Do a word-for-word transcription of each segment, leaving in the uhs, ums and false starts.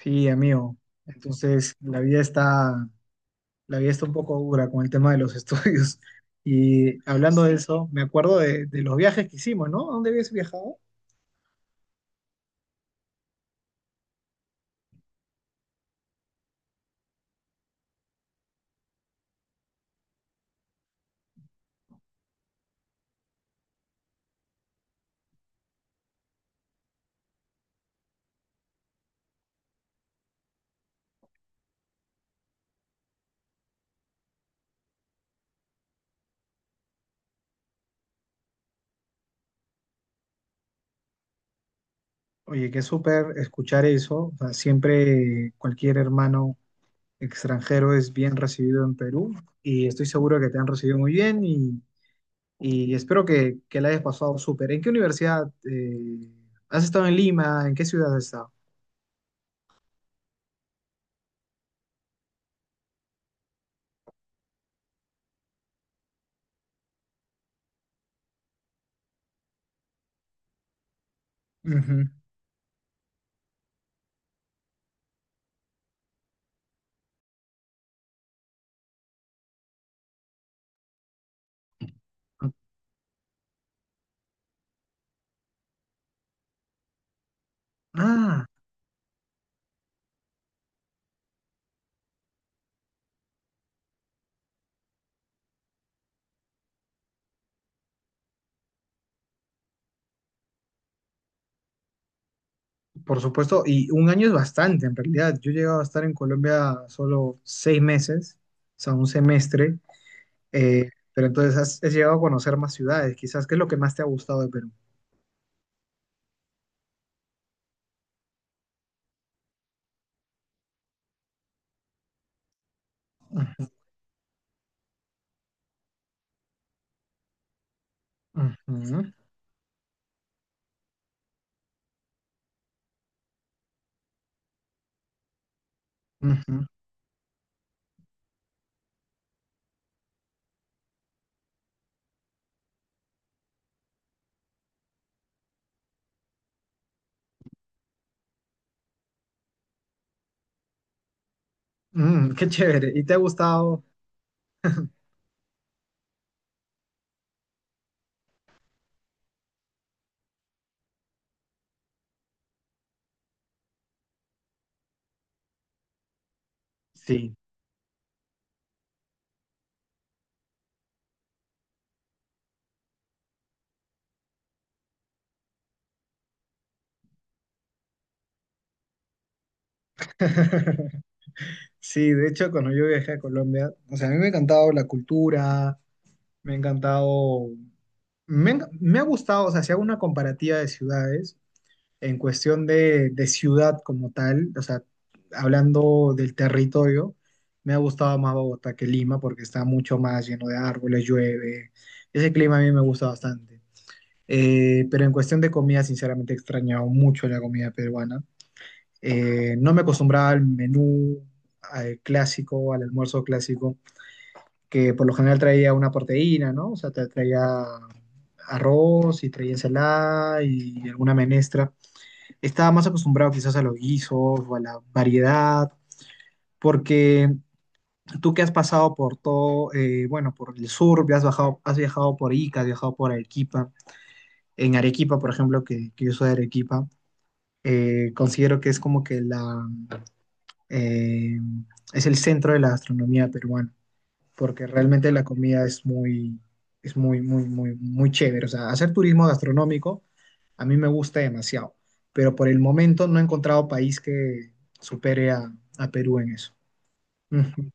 Sí, amigo. Entonces, la vida está, la vida está un poco dura con el tema de los estudios. Y hablando de eso, me acuerdo de, de los viajes que hicimos, ¿no? ¿A dónde habías viajado? Oye, qué súper escuchar eso. O sea, siempre cualquier hermano extranjero es bien recibido en Perú y estoy seguro que te han recibido muy bien y, y espero que, que la hayas pasado súper. ¿En qué universidad? Eh, ¿has estado en Lima? ¿En qué ciudad has estado? Ujú. Ah. Por supuesto, y un año es bastante en realidad. Yo he llegado a estar en Colombia solo seis meses, o sea, un semestre, eh, pero entonces has, has llegado a conocer más ciudades, quizás. ¿Qué es lo que más te ha gustado de Perú? Ujú, ujú, ujú. Mm, qué chévere, ¿y te ha gustado? Sí. Sí, de hecho, cuando yo viajé a Colombia, o sea, a mí me ha encantado la cultura, me ha encantado, me, ha- me ha gustado. O sea, si hago una comparativa de ciudades, en cuestión de, de ciudad como tal, o sea, hablando del territorio, me ha gustado más Bogotá que Lima porque está mucho más lleno de árboles, llueve. Ese clima a mí me gusta bastante. Eh, pero en cuestión de comida, sinceramente he extrañado mucho la comida peruana. Eh, no me acostumbraba al menú, al clásico, al almuerzo clásico, que por lo general traía una proteína, ¿no? O sea, te traía arroz y traía ensalada y alguna menestra. Estaba más acostumbrado quizás a los guisos o a la variedad, porque tú que has pasado por todo, eh, bueno, por el sur, has bajado, has viajado por Ica, has viajado por Arequipa. En Arequipa, por ejemplo, que, que yo soy de Arequipa, eh, considero que es como que la, eh, es el centro de la gastronomía peruana, porque realmente la comida es muy, es muy, muy, muy, muy chévere. O sea, hacer turismo gastronómico a mí me gusta demasiado, pero por el momento no he encontrado país que supere a, a Perú en eso. Ujú,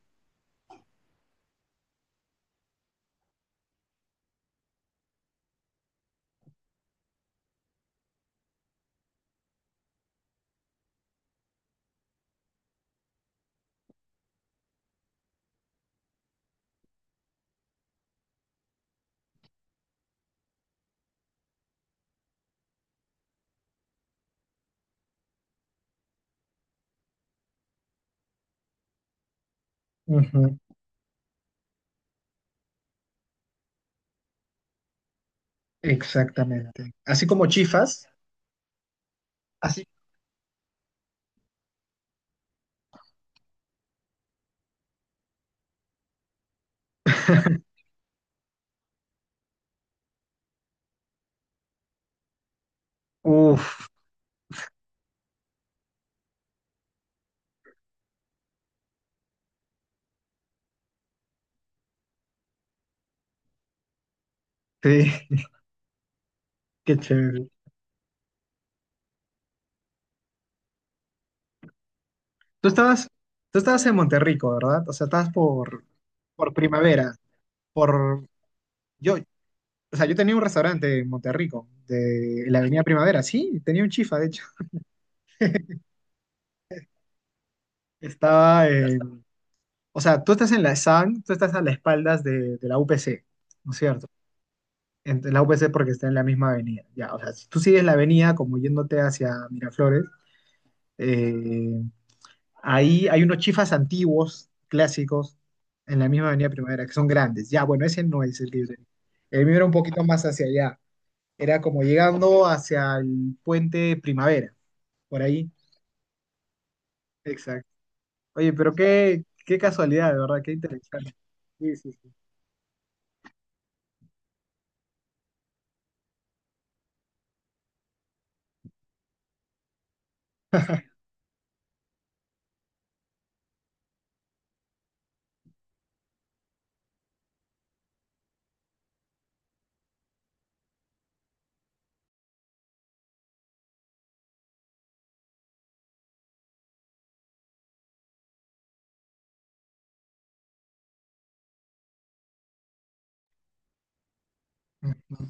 ujú. Exactamente. Así como chifas, así. Uf. Sí. Qué chévere. Tú estabas, tú estabas, en Monterrico, ¿verdad? O sea, estabas por, por Primavera, por yo, o sea, yo tenía un restaurante en Monterrico, de la Avenida Primavera, sí, tenía un chifa, de hecho. Estaba en, o sea, tú estás en la S A N, tú estás a las espaldas de, de la U P C, ¿no es cierto? En la U P C porque está en la misma avenida. Ya, o sea, si tú sigues la avenida como yéndote hacia Miraflores, eh, ahí hay unos chifas antiguos, clásicos, en la misma avenida Primavera, que son grandes. Ya, bueno, ese no es el libre. El mío era un poquito más hacia allá. Era como llegando hacia el puente Primavera, por ahí. Exacto. Oye, pero qué, qué casualidad, de verdad, qué interesante. Sí, sí, sí. Ujú.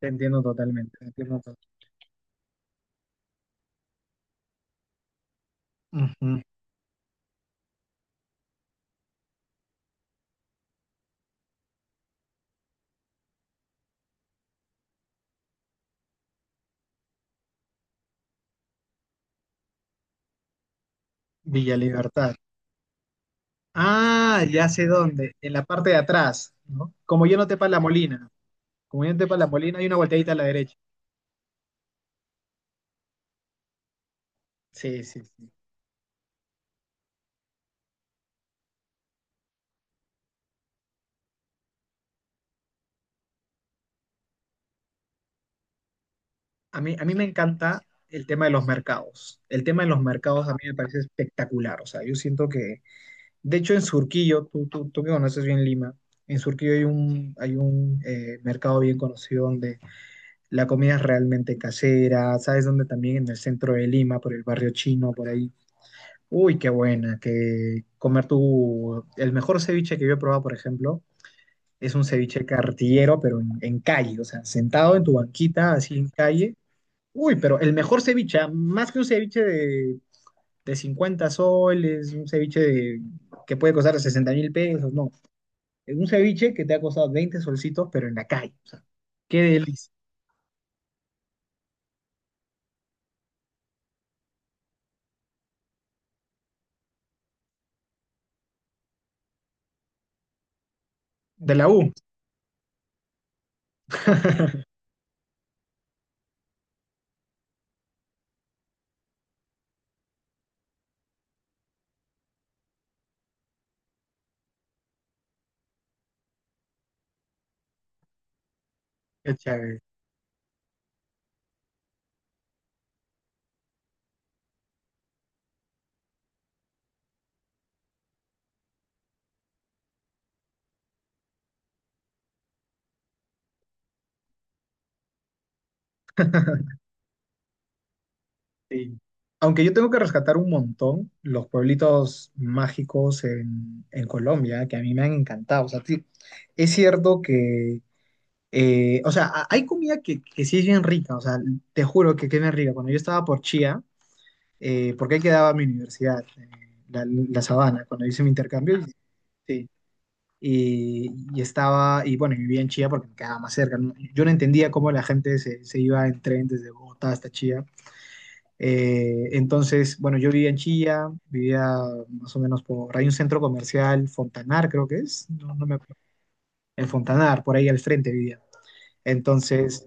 Te entiendo totalmente, te entiendo totalmente. Ujú. Villa Libertad. Ah, ya sé dónde, en la parte de atrás, ¿no? Como yo no tepa la Molina, como yo no tepa la Molina, hay una volteadita a la derecha. Sí, sí, sí. A mí, a mí me encanta el tema de los mercados. El tema de los mercados a mí me parece espectacular. O sea, yo siento que, de hecho, en Surquillo, tú, tú, tú que conoces bien Lima, en Surquillo hay un, hay un eh, mercado bien conocido donde la comida es realmente casera. ¿Sabes dónde también? En el centro de Lima, por el barrio chino, por ahí. Uy, qué buena, que comer tu... El mejor ceviche que yo he probado, por ejemplo, es un ceviche cartillero, pero en, en calle, o sea, sentado en tu banquita, así en calle. Uy, pero el mejor ceviche, ah, más que un ceviche de, de cincuenta soles, un ceviche de- que puede costar sesenta mil pesos, no. Es un ceviche que te ha costado veinte solcitos, pero en la calle, o sea, qué delicia. De la U. Qué chévere. Sí. Aunque yo tengo que rescatar un montón los pueblitos mágicos en, en Colombia, que a mí me han encantado. O sea, sí, es cierto que, eh, o sea, ha- hay comida que, que sí es bien rica, o sea, te juro que, que es bien rica. Cuando yo estaba por Chía, eh, porque ahí quedaba mi universidad, eh, la, la Sabana, cuando hice mi intercambio, y- sí. Y, y estaba, y bueno, y vivía en Chía porque me quedaba más cerca, ¿no? Yo no entendía cómo la gente se, se iba en tren desde Bogotá hasta Chía, eh, entonces, bueno, yo vivía en Chilla, vivía más o menos por, hay un centro comercial, Fontanar creo que es, no, no me acuerdo, en Fontanar, por ahí al frente vivía. Entonces,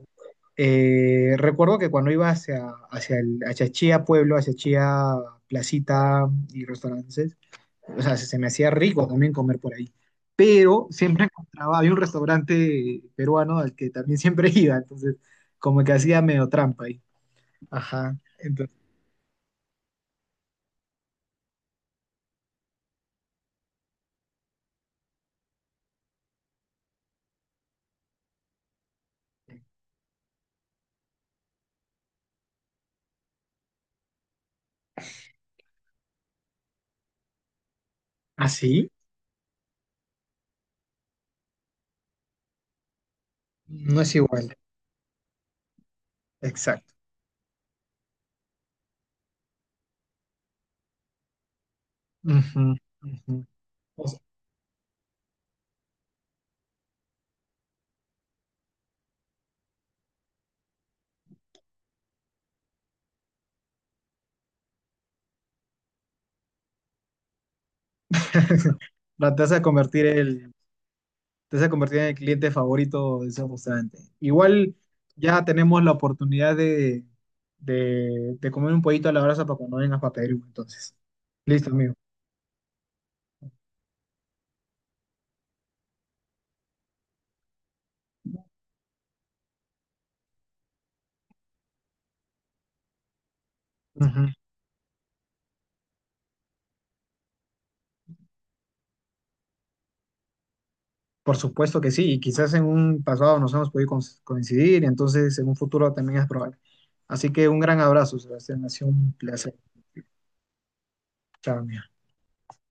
eh, recuerdo que cuando iba hacia, hacia, el, hacia Chía Pueblo, hacia Chía Placita y restaurantes, o sea, se, se me hacía rico también comer por ahí. Pero siempre encontraba, había un restaurante peruano al que también siempre iba, entonces como que hacía medio trampa ahí. Ajá, entonces, así, no es igual. Exacto. Ujú, ujú. O sea, la- te vas a convertir el, te vas a convertir en el cliente favorito de ese restaurante. Igual ya tenemos la oportunidad de, de, de comer un pollito a la brasa para cuando vengas para Perú, entonces. Listo, amigo. Ujú. Por supuesto que sí, y quizás en un pasado nos hemos podido con- coincidir, entonces en un futuro también es probable. Así que un gran abrazo, Sebastián, ha sido un placer. Chao, amigo.